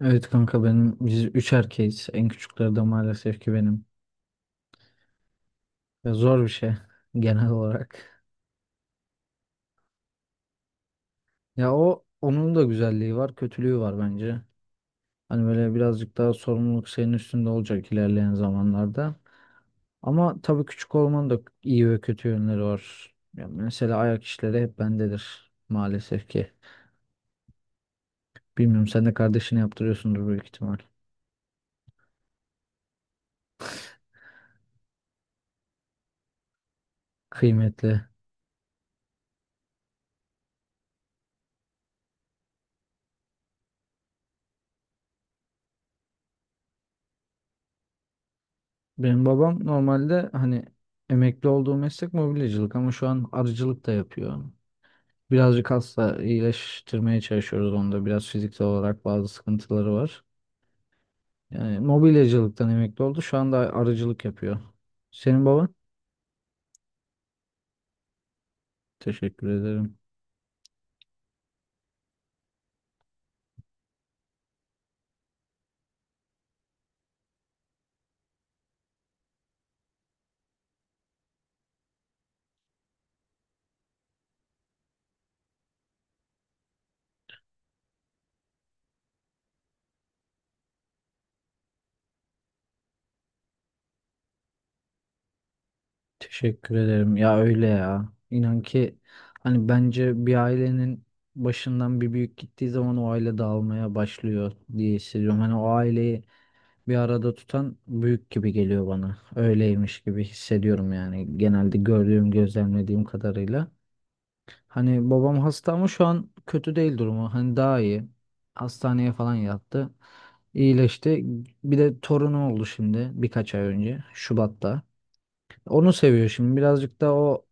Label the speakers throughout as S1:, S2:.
S1: Evet kanka benim biz üç erkeğiz. En küçükleri de maalesef ki benim. Ya zor bir şey genel olarak. Ya o onun da güzelliği var, kötülüğü var bence. Hani böyle birazcık daha sorumluluk senin üstünde olacak ilerleyen zamanlarda. Ama tabii küçük olmanın da iyi ve kötü yönleri var. Ya mesela ayak işleri hep bendedir maalesef ki. Bilmiyorum sen de kardeşine yaptırıyorsundur büyük ihtimal. Kıymetli. Benim babam normalde hani emekli olduğu meslek mobilyacılık ama şu an arıcılık da yapıyor. Birazcık hasta iyileştirmeye çalışıyoruz onda. Biraz fiziksel olarak bazı sıkıntıları var. Yani mobilyacılıktan emekli oldu. Şu anda arıcılık yapıyor. Senin baban? Teşekkür ederim. Teşekkür ederim. Ya öyle ya. İnan ki hani bence bir ailenin başından bir büyük gittiği zaman o aile dağılmaya başlıyor diye hissediyorum. Hani o aileyi bir arada tutan büyük gibi geliyor bana. Öyleymiş gibi hissediyorum yani. Genelde gördüğüm, gözlemlediğim kadarıyla. Hani babam hasta ama şu an kötü değil durumu. Hani daha iyi. Hastaneye falan yattı. İyileşti. Bir de torunu oldu şimdi birkaç ay önce. Şubat'ta. Onu seviyor şimdi. Birazcık da o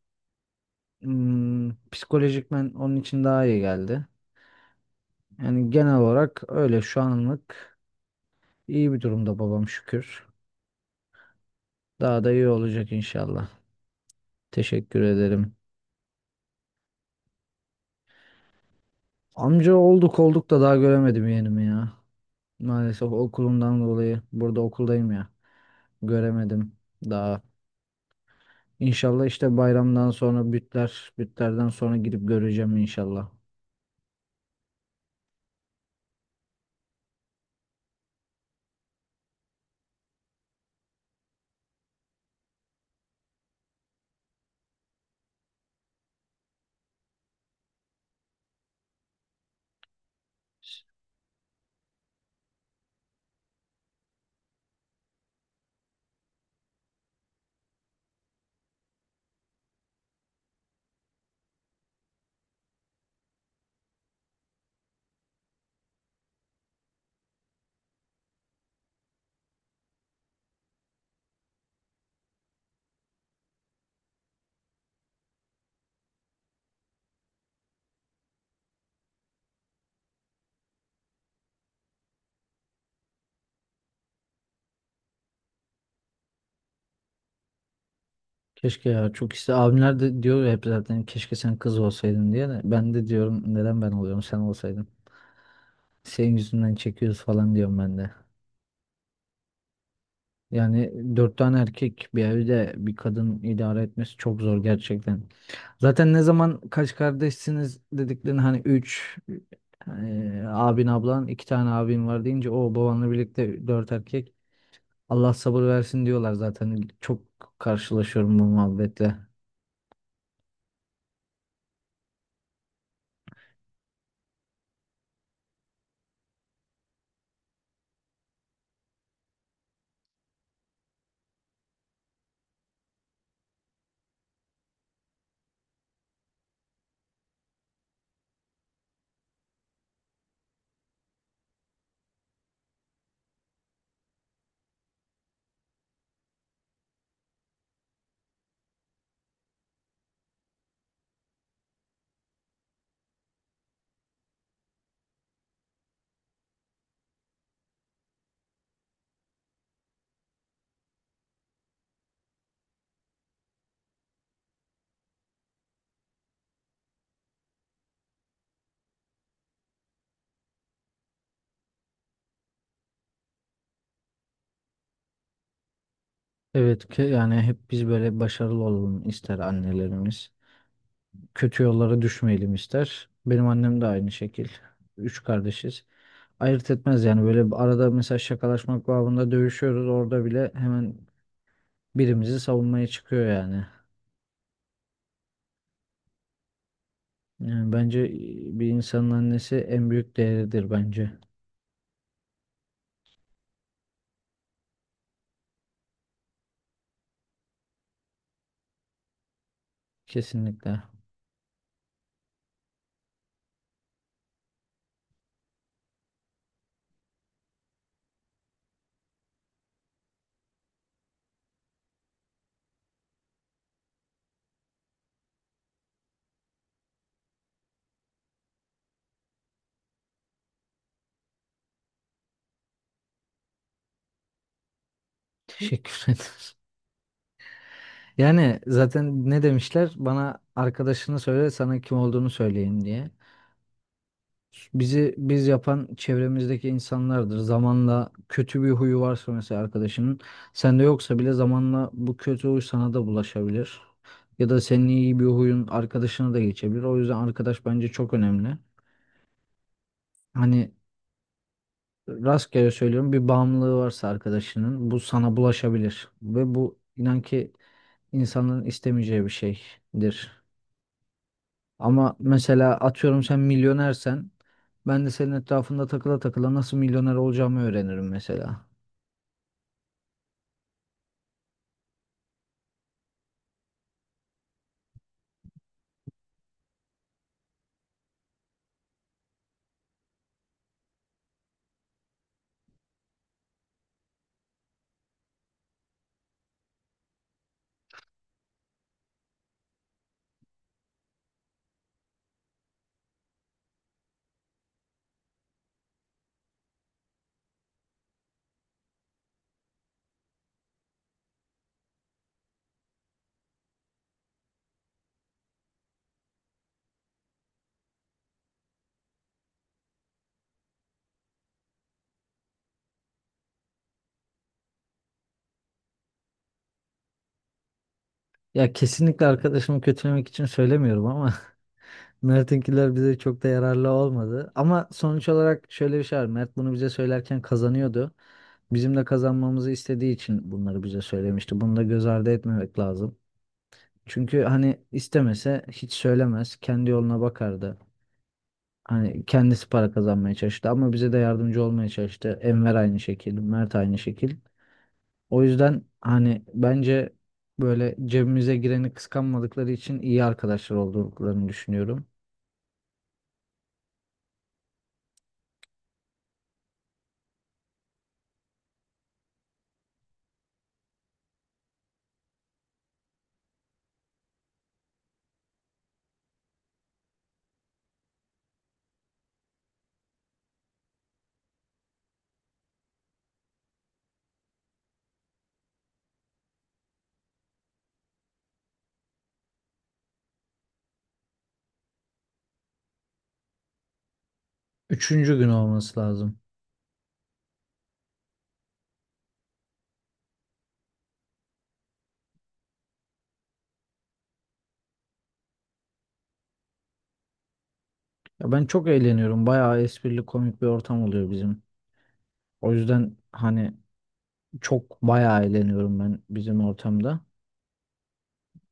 S1: ım, psikolojikmen onun için daha iyi geldi. Yani genel olarak öyle şu anlık iyi bir durumda babam şükür. Daha da iyi olacak inşallah. Teşekkür ederim. Amca olduk olduk da daha göremedim yeğenimi ya. Maalesef okulumdan dolayı burada okuldayım ya. Göremedim daha. İnşallah işte bayramdan sonra bütlerden sonra gidip göreceğim inşallah. Keşke ya çok iste abimler de diyor ya hep zaten keşke sen kız olsaydın diye de ben de diyorum neden ben oluyorum sen olsaydın. Senin yüzünden çekiyoruz falan diyorum ben de. Yani dört tane erkek bir evde bir kadın idare etmesi çok zor gerçekten. Zaten ne zaman kaç kardeşsiniz dediklerini hani üç abin ablan iki tane abin var deyince o babanla birlikte dört erkek. Allah sabır versin diyorlar zaten. Çok karşılaşıyorum bu muhabbetle. Evet ki yani hep biz böyle başarılı olalım ister annelerimiz. Kötü yollara düşmeyelim ister. Benim annem de aynı şekil. Üç kardeşiz. Ayırt etmez yani böyle bir arada mesela şakalaşmak babında dövüşüyoruz. Orada bile hemen birimizi savunmaya çıkıyor yani. Yani bence bir insanın annesi en büyük değeridir bence. Kesinlikle. Teşekkür ederim. Yani zaten ne demişler? Bana arkadaşını söyle, sana kim olduğunu söyleyeyim diye. Bizi biz yapan çevremizdeki insanlardır. Zamanla kötü bir huyu varsa mesela arkadaşının, sende yoksa bile zamanla bu kötü huy sana da bulaşabilir. Ya da senin iyi bir huyun arkadaşına da geçebilir. O yüzden arkadaş bence çok önemli. Hani rastgele söylüyorum bir bağımlılığı varsa arkadaşının bu sana bulaşabilir. Ve bu inan ki insanların istemeyeceği bir şeydir. Ama mesela atıyorum sen milyonersen ben de senin etrafında takıla takıla nasıl milyoner olacağımı öğrenirim mesela. Ya kesinlikle arkadaşımı kötülemek için söylemiyorum ama Mert'inkiler bize çok da yararlı olmadı. Ama sonuç olarak şöyle bir şey var. Mert bunu bize söylerken kazanıyordu. Bizim de kazanmamızı istediği için bunları bize söylemişti. Bunu da göz ardı etmemek lazım. Çünkü hani istemese hiç söylemez. Kendi yoluna bakardı. Hani kendisi para kazanmaya çalıştı ama bize de yardımcı olmaya çalıştı. Enver aynı şekil, Mert aynı şekil. O yüzden hani bence böyle cebimize gireni kıskanmadıkları için iyi arkadaşlar olduklarını düşünüyorum. Üçüncü gün olması lazım. Ya ben çok eğleniyorum. Bayağı esprili komik bir ortam oluyor bizim. O yüzden hani çok bayağı eğleniyorum ben bizim ortamda.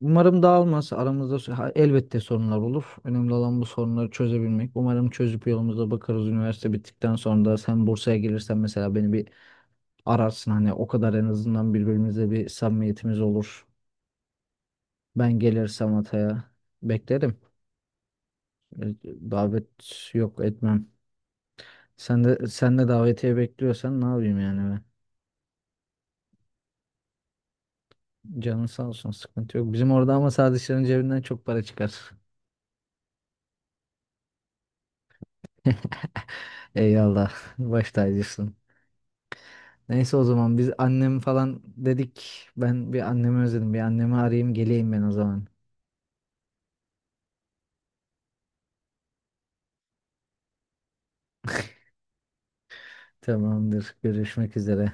S1: Umarım dağılmaz. Aramızda ha, elbette sorunlar olur. Önemli olan bu sorunları çözebilmek. Umarım çözüp yolumuza bakarız. Üniversite bittikten sonra da sen Bursa'ya gelirsen mesela beni bir ararsın. Hani o kadar en azından birbirimize bir samimiyetimiz olur. Ben gelirsem Hatay'a beklerim. E, Davet yok etmem. Sen de davetiye bekliyorsan ne yapayım yani ben? Canın sağ olsun sıkıntı yok. Bizim orada ama sadece cebinden çok para çıkar. Eyvallah. Baş tacısın. Neyse o zaman biz annem falan dedik. Ben bir annemi özledim. Bir annemi arayayım geleyim ben o zaman. Tamamdır. Görüşmek üzere.